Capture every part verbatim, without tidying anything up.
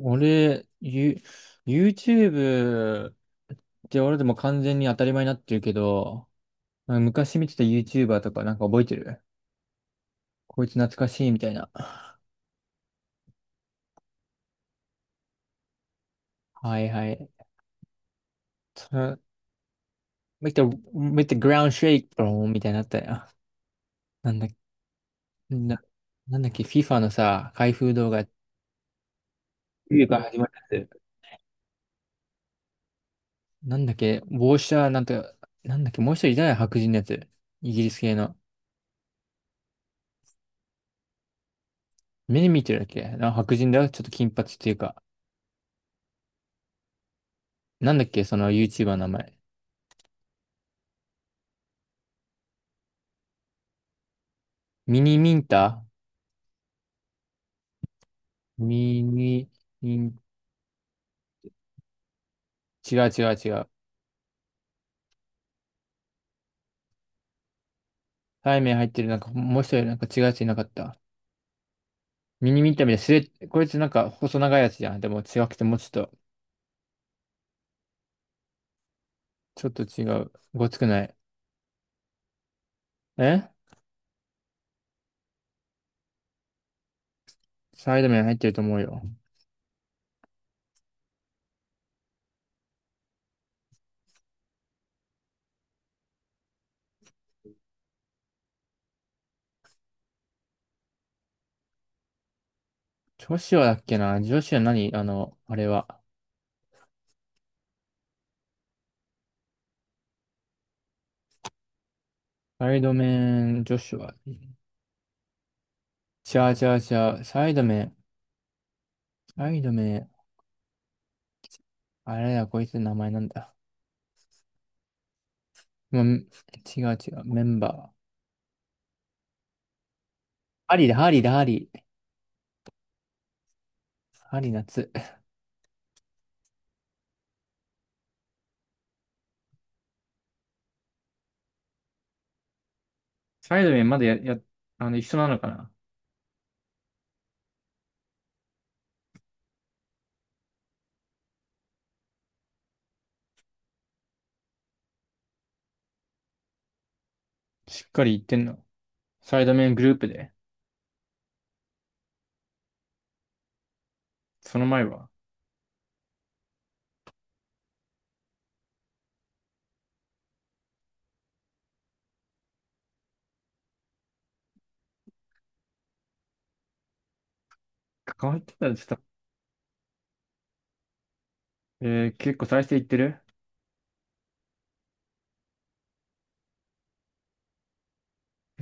俺、ユ、ユーチューブ って俺でも完全に当たり前になってるけど、なんか昔見てた YouTuber とかなんか覚えてる。こいつ懐かしいみたいな。はいはい。そ make the, make the ground shake, bro, みたいになったよ。なんだ、な、なんだっけ、FIFA のさ、開封動画、冬から始まるやつ。なんだっけ、帽子はなんか。なんだっけ、もう一人いたよ、白人のやつ。イギリス系の。目に見てるだっけな、白人だよ、ちょっと金髪っていうか。なんだっけ、その YouTuber の名前。ミニミンタミニミン、違う違う違う。タイ麺入ってる、なんかもう一人なんか違うやついなかった？ミニミンタみたいな、すれ、こいつなんか細長いやつじゃん。でも違くてもうちょっと。ちょっと違う。ごつくない。えサイド麺入ってると思うよ。ジョシュアだっけな、ジョシュア何、あの、あれは。サイド麺、ジョシュア。ちゃうちゃうちゃう。サイド麺、サイド麺。あれだ、こいつの名前なんだ。ま、違う違う。メンバー。ハリーだ、ハリーだ、ハリー。ハリー夏。サイドメンまだや、や、あの、一緒なのかな？しっかり言ってんの。サイドメングループで。その前は。関わってたらちょっと。えー、結構再生いってる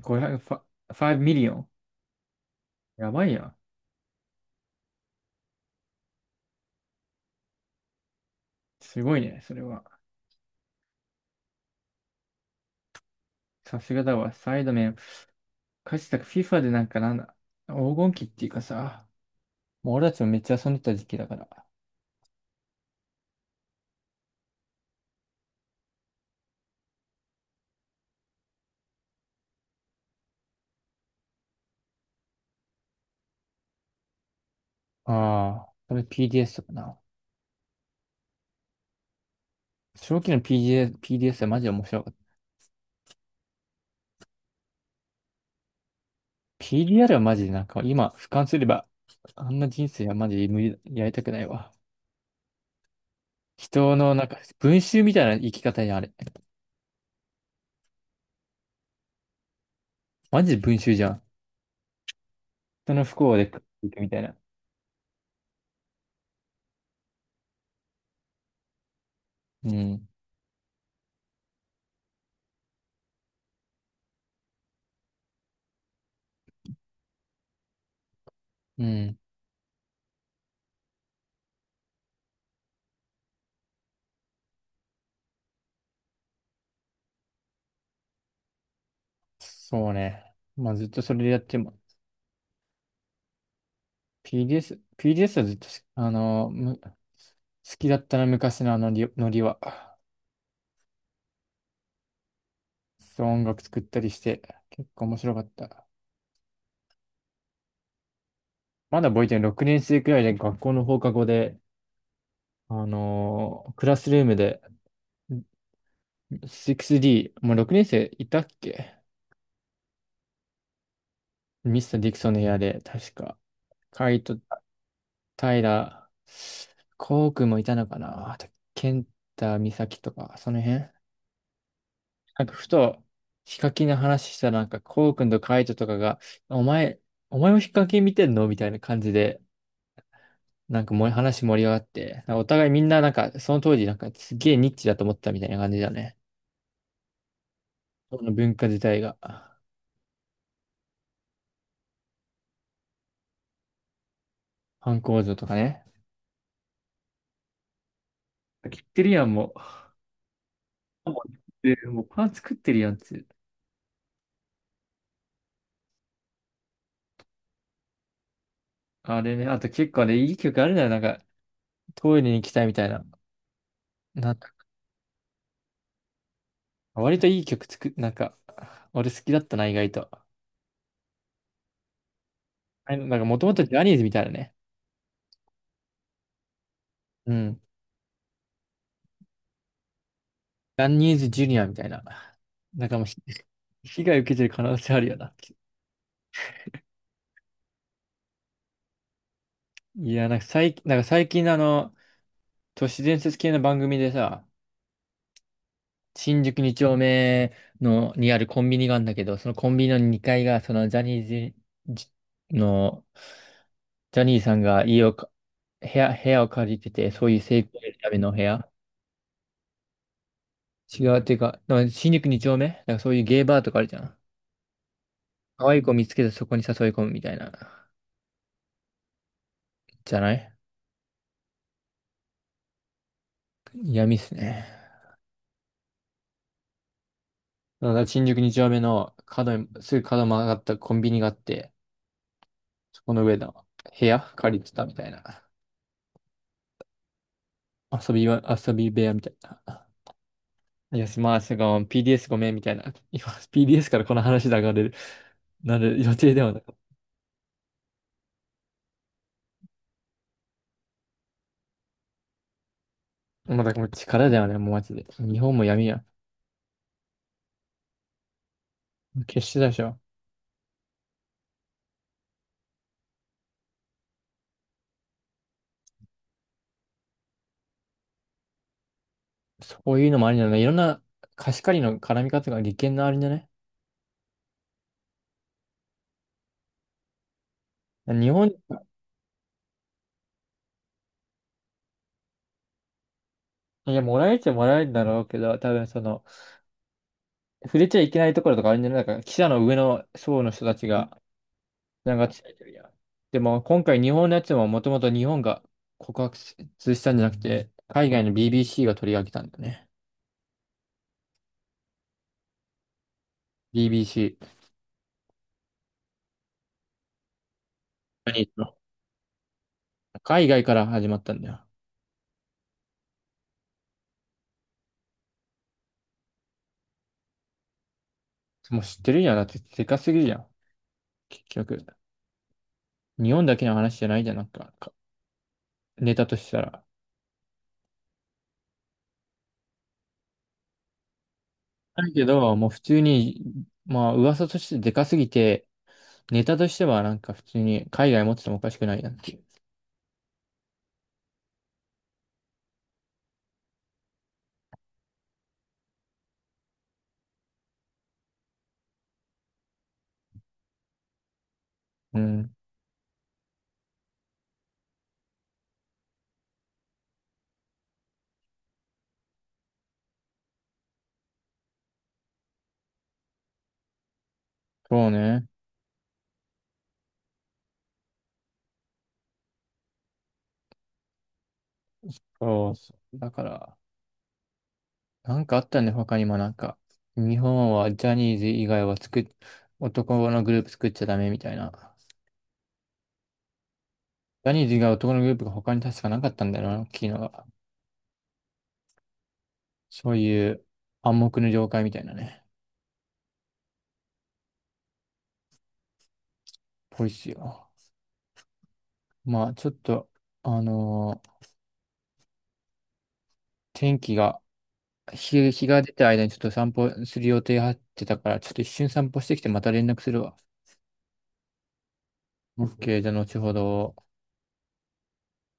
?ごひゃく、ファファイブミリオン。やばいやん。すごいね、それは。さすがだわ。サイドメン。かつて FIFA でなんかなんだ。黄金期っていうかさ、もう俺たちもめっちゃ遊んでた時期だから。ああ、それ PDS かな。初期の PDS、PDS はマジで面白かった。ピーディーアール はマジでなんか今俯瞰すれば、あんな人生はマジで無理、やりたくないわ。人のなんか文集みたいな生き方やあれ。マジで文集じゃん。人の不幸で食っていくみたいな。うん。うん。そうね。まあずっとそれでやっても。ピーディーエス、ピーディーエス はずっとし、あのむ好きだったな、昔のあのりノリは。そう、音楽作ったりして、結構面白かった。まだ覚えてる。ろくねん生くらいで学校の放課後で、あのークラスルームで、ろくディー、もうろくねん生いたっけ？ミスター・ディクソンの部屋で、確か。カイト、タイラー、コウ君もいたのかな、あと、ケンタ、ミサキとか、その辺なんか、ふと、ヒカキンの話したら、なんか、コウ君とカイトとかが、お前、お前もヒカキン見てんのみたいな感じで、なんかもう話盛り上がって、なんかお互いみんななんか、その当時なんかすげえニッチだと思ってたみたいな感じだね。その文化自体が、反抗像とかね。切ってるやん、もう。で、もうパン作ってるやんって。あれね、あと結構ね、いい曲あるなよ。なんか、トイレに行きたいみたいな。なんか、割といい曲作っ、なんか、俺好きだったな、意外と。あれなんか、もともとジャニーズみたいなね。うん。ジャニーズジュニアみたいな。なんかもうひ、被害受けてる可能性あるよな。いや、なんか最、なんか最近のあの、都市伝説系の番組でさ、新宿に丁目の、にあるコンビニがあるんだけど、そのコンビニのにかいが、そのジャニーズジの、ジャニーさんが家をか、部屋、部屋を借りてて、そういう成功を得るための部屋。違う、っていうか、でも新宿二丁目だからそういうゲイバーとかあるじゃん。可愛い子見つけてそこに誘い込むみたいな。じゃない。闇っすね。だから新宿二丁目の角に、すぐ角曲がったコンビニがあって、そこの上の部屋借りてたみたいな。遊びは、遊び部屋みたいな。いや、すまあ、すごい、ピーディーエス ごめんみたいな。今、ピーディーエス からこの話で上がれる、なる予定ではない。まあだからもう力だよね、もうマジで。日本も闇や。決してだでしょ。そういうのもありなんだ。いろんな貸し借りの絡み方が利権のあるんじゃね？日本。いや、もらえちゃもらえるんだろうけど、多分その、触れちゃいけないところとかあるんじゃない。だから、記者の上の層の人たちが、なんかついてるやん。でも、今回日本のやつももともと日本が告発したんじゃなくて、海外の ビービーシー が取り上げたんだよね。ビービーシー。何言ってんの？海外から始まったんだよ。もう知ってるじゃん。だって、でかすぎるじゃん。結局。日本だけの話じゃないじゃん、なんか、かネタとしたら。だけど、もう普通に、まあ噂としてでかすぎて、ネタとしてはなんか普通に海外持っててもおかしくないなっていう。うん、そうね。そうそう。だから、なんかあったね、他にもなんか。日本はジャニーズ以外は作っ、男のグループ作っちゃダメみたいな。ジャニーズ以外男のグループが他に確かなかったんだよな、大きいのが。そういう暗黙の了解みたいなね、ぽいっすよ。まあちょっと、あのー天気が、日、日が出た間にちょっと散歩する予定入ってたから、ちょっと一瞬散歩してきてまた連絡するわ。オッケー、じゃあ後ほど。